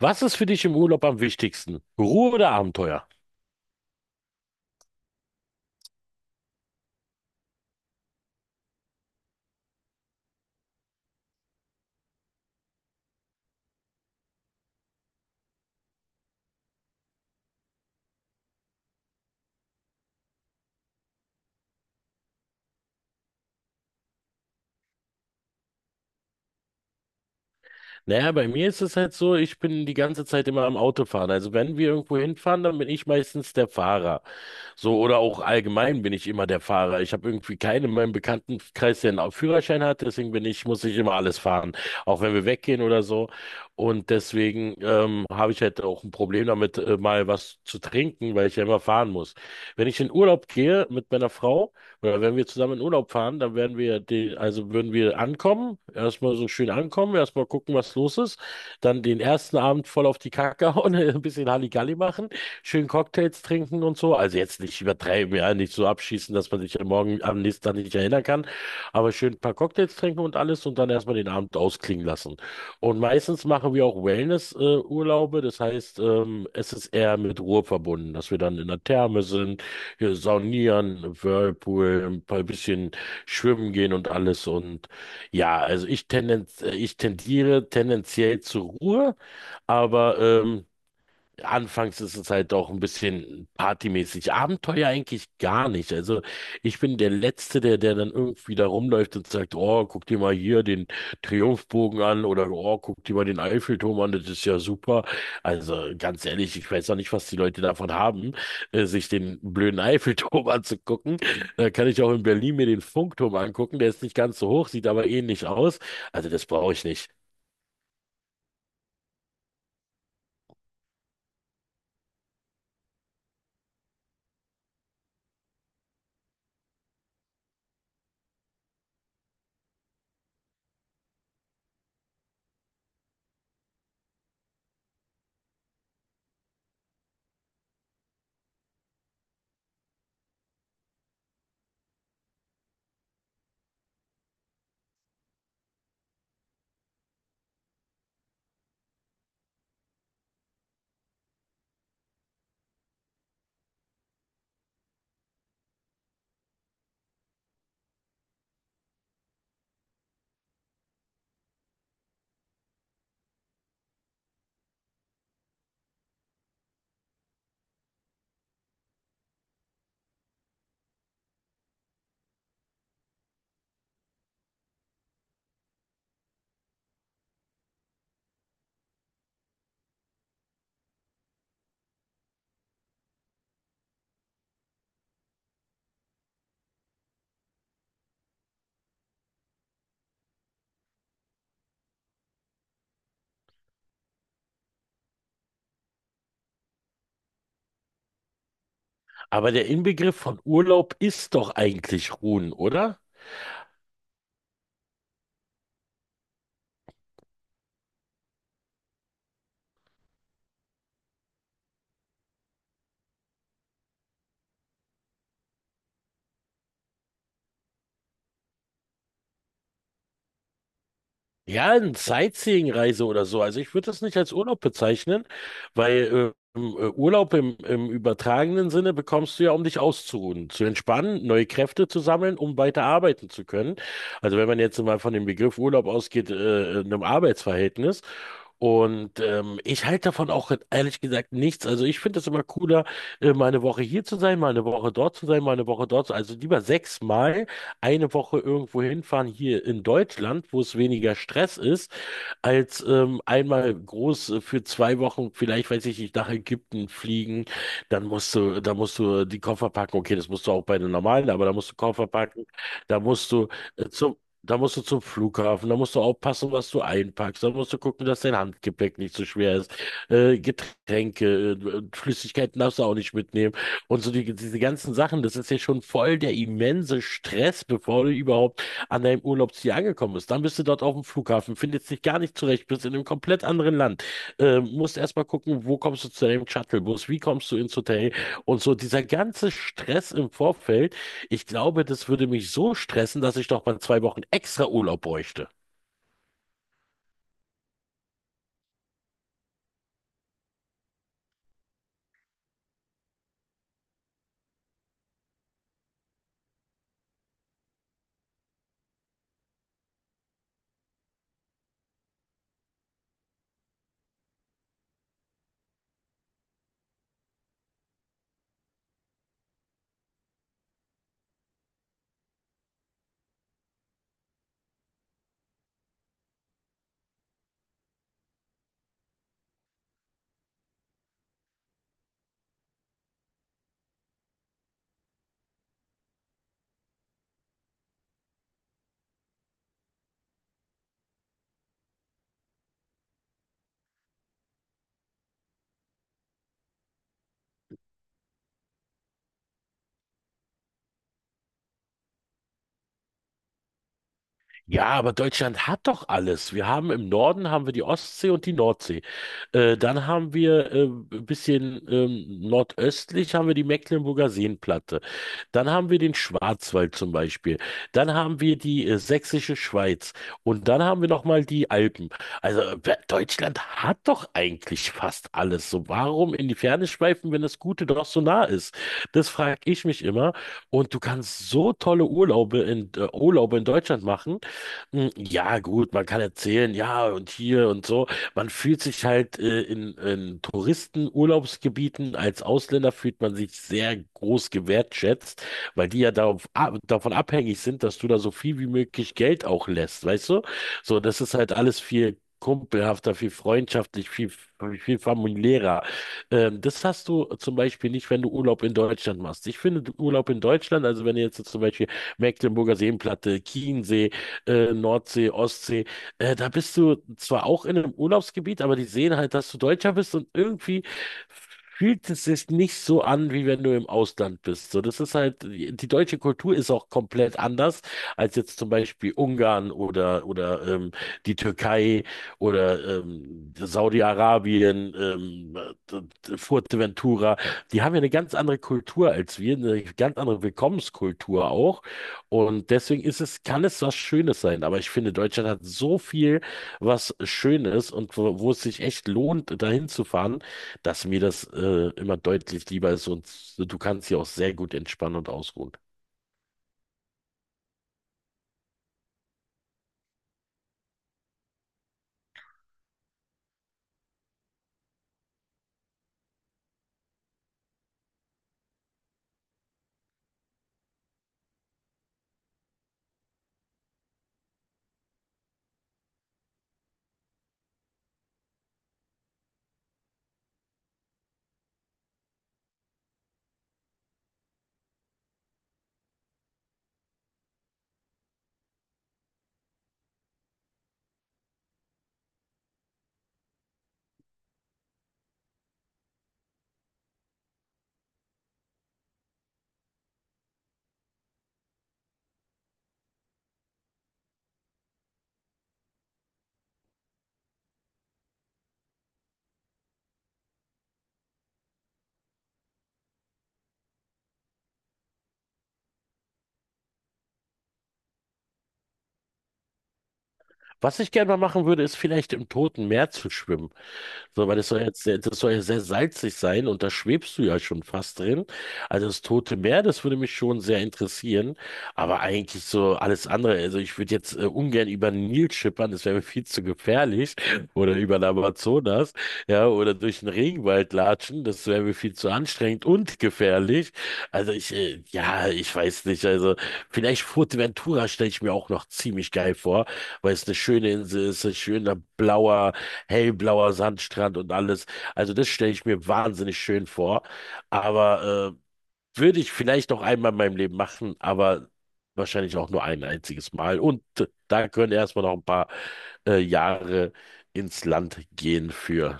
Was ist für dich im Urlaub am wichtigsten? Ruhe oder Abenteuer? Naja, bei mir ist es halt so, ich bin die ganze Zeit immer am Autofahren. Also wenn wir irgendwo hinfahren, dann bin ich meistens der Fahrer. So, oder auch allgemein bin ich immer der Fahrer. Ich habe irgendwie keinen in meinem Bekanntenkreis, der einen Führerschein hat, deswegen muss ich immer alles fahren, auch wenn wir weggehen oder so. Und deswegen habe ich halt auch ein Problem damit, mal was zu trinken, weil ich ja immer fahren muss. Wenn ich in Urlaub gehe mit meiner Frau oder wenn wir zusammen in Urlaub fahren, dann also würden wir ankommen, erstmal so schön ankommen, erstmal gucken, was los ist, dann den ersten Abend voll auf die Kacke hauen, ein bisschen Halligalli machen, schön Cocktails trinken und so. Also jetzt nicht übertreiben, ja, nicht so abschießen, dass man sich am nächsten Tag nicht erinnern kann, aber schön ein paar Cocktails trinken und alles und dann erstmal den Abend ausklingen lassen. Und meistens machen wir auch Wellness-Urlaube, das heißt, es ist eher mit Ruhe verbunden, dass wir dann in der Therme sind, hier saunieren, Whirlpool, ein paar bisschen schwimmen gehen und alles und ja, ich tendiere tendenziell zur Ruhe, aber anfangs ist es halt auch ein bisschen partymäßig. Abenteuer eigentlich gar nicht. Also ich bin der Letzte, der dann irgendwie da rumläuft und sagt, oh, guck dir mal hier den Triumphbogen an oder oh, guck dir mal den Eiffelturm an, das ist ja super. Also ganz ehrlich, ich weiß auch nicht, was die Leute davon haben, sich den blöden Eiffelturm anzugucken. Da kann ich auch in Berlin mir den Funkturm angucken. Der ist nicht ganz so hoch, sieht aber ähnlich aus. Also das brauche ich nicht. Aber der Inbegriff von Urlaub ist doch eigentlich Ruhen, oder? Ja, eine Sightseeing-Reise oder so. Also ich würde das nicht als Urlaub bezeichnen, weil Urlaub im übertragenen Sinne bekommst du ja, um dich auszuruhen, zu entspannen, neue Kräfte zu sammeln, um weiter arbeiten zu können. Also wenn man jetzt mal von dem Begriff Urlaub ausgeht, in einem Arbeitsverhältnis. Und ich halte davon auch ehrlich gesagt nichts. Also ich finde es immer cooler, mal eine Woche hier zu sein, mal eine Woche dort zu sein, mal eine Woche dort zu sein. Also lieber sechsmal eine Woche irgendwo hinfahren hier in Deutschland, wo es weniger Stress ist, als einmal groß für zwei Wochen, vielleicht weiß ich nicht, nach Ägypten fliegen. Dann da musst du die Koffer packen. Okay, das musst du auch bei den normalen, aber da musst du Koffer packen. Da musst du äh, zum Da musst du zum Flughafen, da musst du aufpassen, was du einpackst, da musst du gucken, dass dein Handgepäck nicht so schwer ist. Getränke, Flüssigkeiten darfst du auch nicht mitnehmen. Und so diese ganzen Sachen, das ist ja schon voll der immense Stress, bevor du überhaupt an deinem Urlaubsziel angekommen bist. Dann bist du dort auf dem Flughafen, findest dich gar nicht zurecht, bist in einem komplett anderen Land. Musst erstmal gucken, wo kommst du zu deinem Shuttlebus, wie kommst du ins Hotel und so. Dieser ganze Stress im Vorfeld, ich glaube, das würde mich so stressen, dass ich doch mal zwei Wochen extra Urlaub bräuchte. Ja, aber Deutschland hat doch alles. Wir haben im Norden haben wir die Ostsee und die Nordsee. Dann haben wir ein bisschen nordöstlich haben wir die Mecklenburger Seenplatte. Dann haben wir den Schwarzwald zum Beispiel. Dann haben wir die Sächsische Schweiz. Und dann haben wir noch mal die Alpen. Also Deutschland hat doch eigentlich fast alles. So, warum in die Ferne schweifen, wenn das Gute doch so nah ist? Das frage ich mich immer. Und du kannst so tolle Urlaube in Deutschland machen. Hm, ja, gut, man kann erzählen, ja, und hier und so. Man fühlt sich halt in Touristenurlaubsgebieten als Ausländer fühlt man sich sehr groß gewertschätzt, weil die ja davon abhängig sind, dass du da so viel wie möglich Geld auch lässt, weißt du? So, das ist halt alles viel kumpelhafter, viel freundschaftlich, viel familiärer. Das hast du zum Beispiel nicht, wenn du Urlaub in Deutschland machst. Ich finde Urlaub in Deutschland, also wenn du jetzt zum Beispiel Mecklenburger Seenplatte, Chiemsee, Nordsee, Ostsee. Da bist du zwar auch in einem Urlaubsgebiet, aber die sehen halt, dass du Deutscher bist und irgendwie fühlt es sich nicht so an, wie wenn du im Ausland bist. So, das ist halt, die deutsche Kultur ist auch komplett anders als jetzt zum Beispiel Ungarn oder die Türkei oder Saudi-Arabien, d- Fuerteventura. Die haben ja eine ganz andere Kultur als wir, eine ganz andere Willkommenskultur auch. Und deswegen ist es, kann es was Schönes sein. Aber ich finde, Deutschland hat so viel, was Schönes und wo es sich echt lohnt, dahin zu fahren, dass mir das immer deutlich lieber ist. Und du kannst hier auch sehr gut entspannen und ausruhen. Was ich gerne mal machen würde, ist vielleicht im Toten Meer zu schwimmen. So, weil das soll ja sehr salzig sein und da schwebst du ja schon fast drin. Also das Tote Meer, das würde mich schon sehr interessieren. Aber eigentlich so alles andere. Also ich würde jetzt ungern über den Nil schippern, das wäre mir viel zu gefährlich. Oder über den Amazonas, ja, oder durch den Regenwald latschen, das wäre mir viel zu anstrengend und gefährlich. Ja, ich weiß nicht. Also vielleicht Fuerteventura stelle ich mir auch noch ziemlich geil vor, weil es eine schöne Insel ist, ein schöner blauer hellblauer Sandstrand und alles. Also das stelle ich mir wahnsinnig schön vor. Aber würde ich vielleicht noch einmal in meinem Leben machen, aber wahrscheinlich auch nur ein einziges Mal. Und da können erstmal noch ein paar Jahre ins Land gehen für.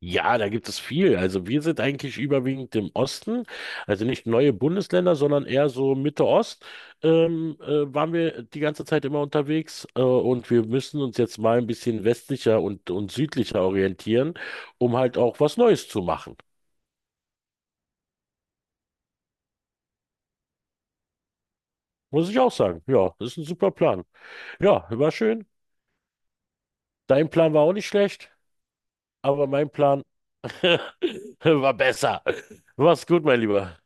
Ja, da gibt es viel. Also wir sind eigentlich überwiegend im Osten, also nicht neue Bundesländer, sondern eher so Mitte Ost. Waren wir die ganze Zeit immer unterwegs und wir müssen uns jetzt mal ein bisschen westlicher und südlicher orientieren, um halt auch was Neues zu machen. Muss ich auch sagen. Ja, das ist ein super Plan. Ja, war schön. Dein Plan war auch nicht schlecht, aber mein Plan war besser. Mach's gut, mein Lieber.